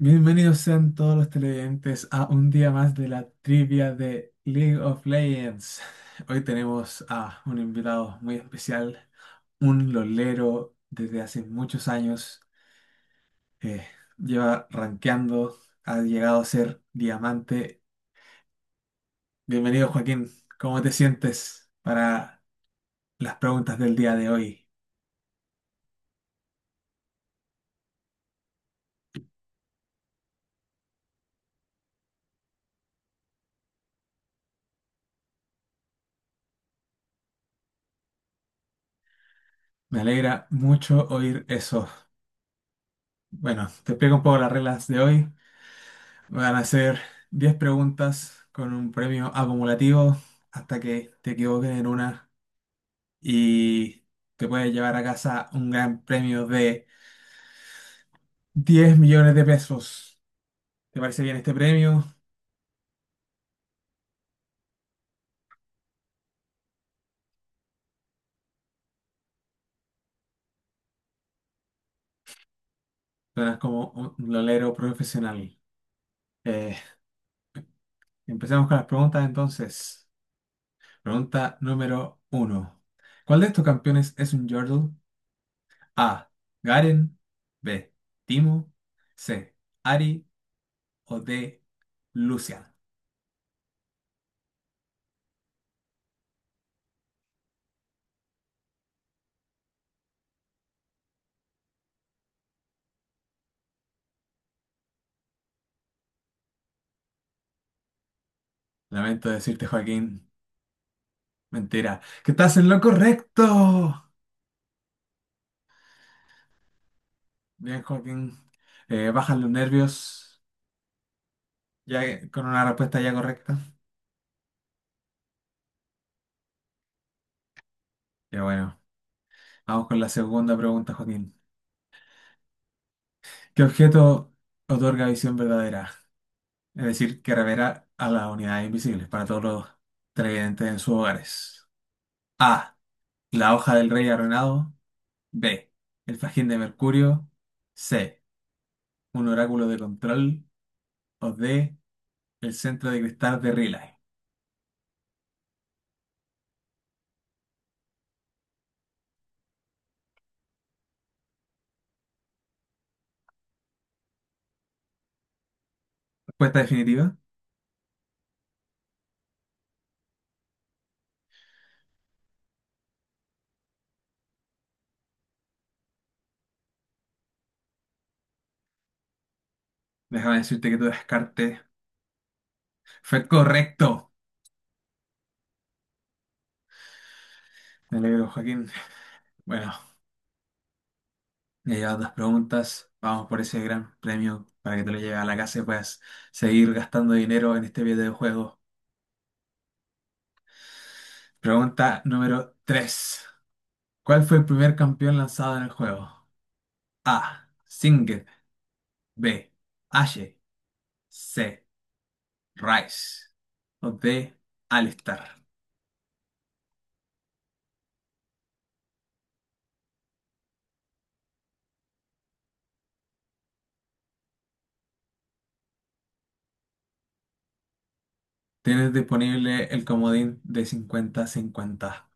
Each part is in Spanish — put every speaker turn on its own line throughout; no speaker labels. Bienvenidos sean todos los televidentes a un día más de la trivia de League of Legends. Hoy tenemos a un invitado muy especial, un lolero desde hace muchos años. eh, Lleva rankeando, ha llegado a ser diamante. Bienvenido Joaquín, ¿cómo te sientes para las preguntas del día de hoy? Me alegra mucho oír eso. Bueno, te explico un poco las reglas de hoy. Van a hacer 10 preguntas con un premio acumulativo hasta que te equivoques en una y te puedes llevar a casa un gran premio de 10 millones de pesos. ¿Te parece bien este premio? Suenas como un lolero profesional. Eh, Empecemos con las preguntas entonces. Pregunta número uno. ¿Cuál de estos campeones es un Yordle? A. Garen. B. Timo. C. Ari. O D. Lucian. Lamento decirte, Joaquín, mentira, que estás en lo correcto. Bien, Joaquín, bajan los nervios con una respuesta ya correcta. Ya bueno, vamos con la segunda pregunta, Joaquín. ¿Qué objeto otorga visión verdadera? Es decir, que revela a las unidades invisibles para todos los televidentes en sus hogares. A. La hoja del rey arruinado. B. El fajín de Mercurio. C. Un oráculo de control. O D. El centro de cristal de Riley. Respuesta definitiva. Déjame decirte que tu descarte fue correcto. Me alegro, Joaquín. Bueno, ya llevas dos preguntas. Vamos por ese gran premio para que te lo lleves a la casa y puedas seguir gastando dinero en este videojuego. Pregunta número 3. ¿Cuál fue el primer campeón lanzado en el juego? A. Singed. B. Ashe. C. Rice. O D. Alistar. Tienes disponible el comodín de 50-50.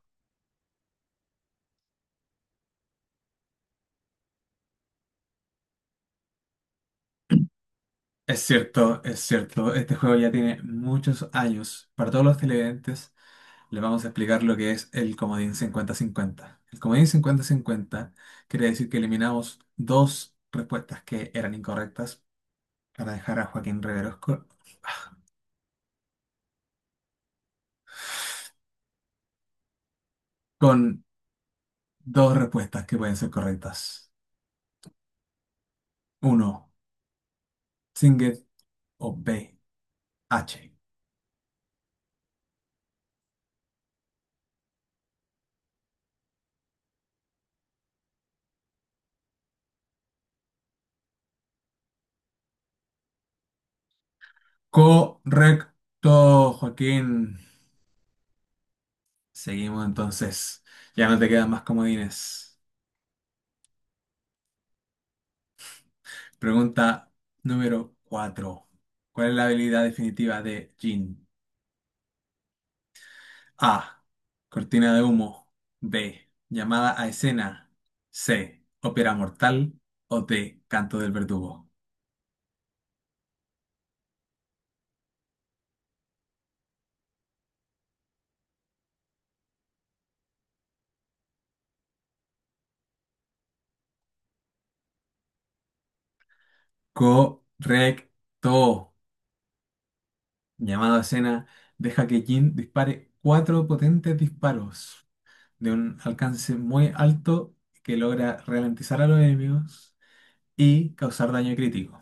Es cierto, es cierto. Este juego ya tiene muchos años. Para todos los televidentes, les vamos a explicar lo que es el comodín 50-50. El comodín cincuenta-cincuenta quiere decir que eliminamos dos respuestas que eran incorrectas para dejar a Joaquín Riveros con, dos respuestas que pueden ser correctas. Uno, Singer o B, H. Correcto, Joaquín. Seguimos entonces. Ya no te quedan más comodines. Pregunta número 4. ¿Cuál es la habilidad definitiva de Jin? A. Cortina de humo. B. Llamada a escena. C. Ópera mortal. O D. Canto del verdugo. Correcto. Llamada a escena deja que Jin dispare cuatro potentes disparos de un alcance muy alto que logra ralentizar a los enemigos y causar daño crítico.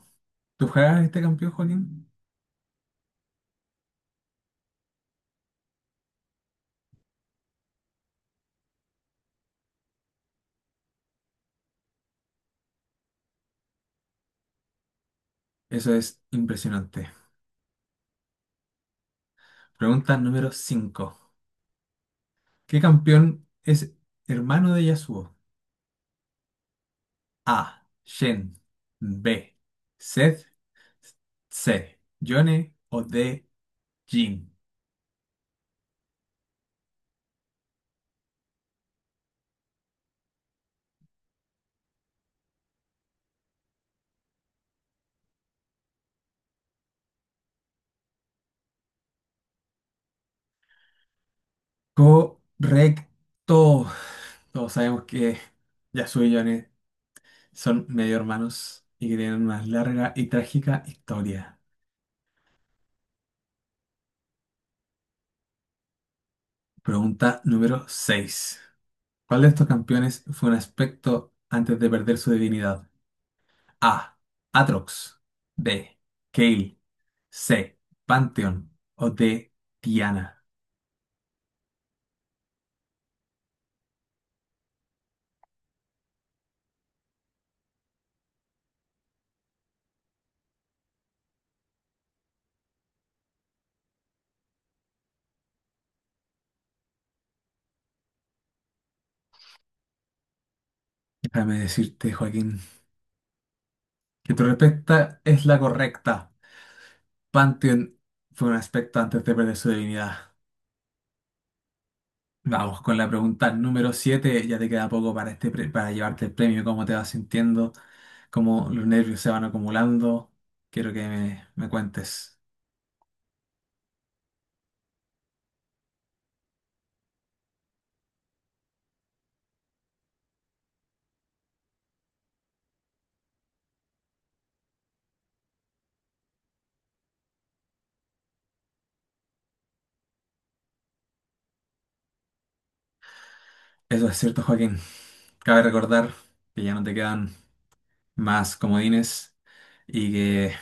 ¿Tú juegas este campeón, Joaquín? Eso es impresionante. Pregunta número 5. ¿Qué campeón es hermano de Yasuo? A. Shen. B. Seth. C. Yone. O D. Jin. Correcto. Todos sabemos que Yasuo y Yone son medio hermanos y que tienen una larga y trágica historia. Pregunta número seis. ¿Cuál de estos campeones fue un aspecto antes de perder su divinidad? A. Atrox. B. Kale. C. Pantheon. O D. Diana. Déjame decirte, Joaquín, que tu respuesta es la correcta. Pantheon fue un aspecto antes de perder su divinidad. Vamos con la pregunta número 7. Ya te queda poco para, para llevarte el premio. ¿Cómo te vas sintiendo? ¿Cómo los nervios se van acumulando? Quiero que me cuentes. Eso es cierto, Joaquín. Cabe recordar que ya no te quedan más comodines y que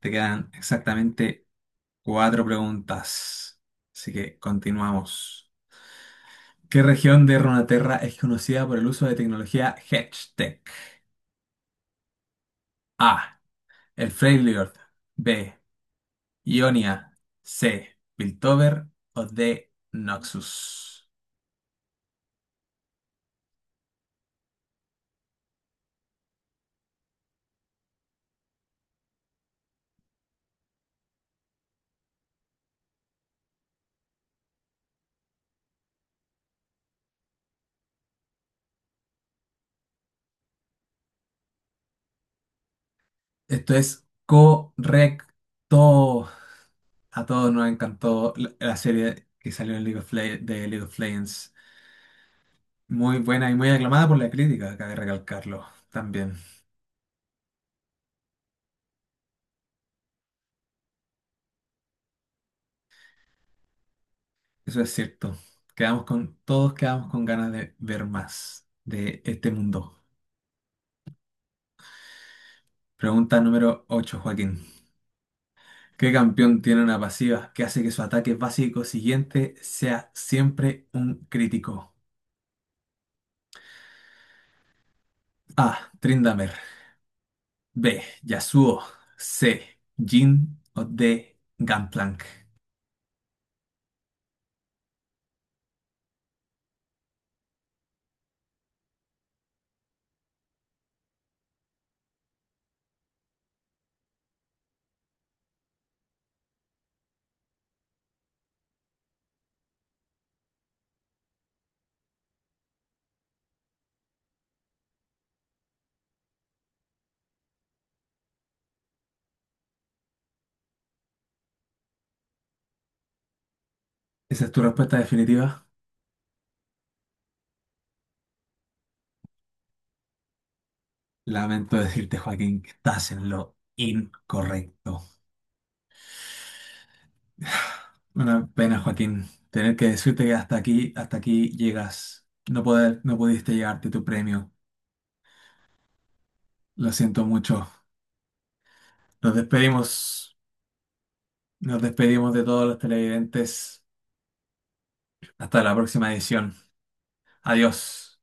te quedan exactamente cuatro preguntas. Así que continuamos. ¿Qué región de Ronaterra es conocida por el uso de tecnología HedgeTech? A. El Freljord. B. Ionia. C. Piltover. O D. Noxus. Esto es correcto. A todos nos encantó la serie que salió en League of Legends. Muy buena y muy aclamada por la crítica, cabe recalcarlo también. Eso es cierto. Todos quedamos con ganas de ver más de este mundo. Pregunta número 8, Joaquín. ¿Qué campeón tiene una pasiva que hace que su ataque básico siguiente sea siempre un crítico? A. Trindamer. B. Yasuo. C. Jhin. O D. Gangplank. ¿Esa es tu respuesta definitiva? Lamento decirte, Joaquín, que estás en lo incorrecto. Una pena, Joaquín, tener que decirte que hasta aquí llegas. No pudiste llevarte tu premio. Lo siento mucho. Nos despedimos, Nos despedimos de todos los televidentes. Hasta la próxima edición. Adiós.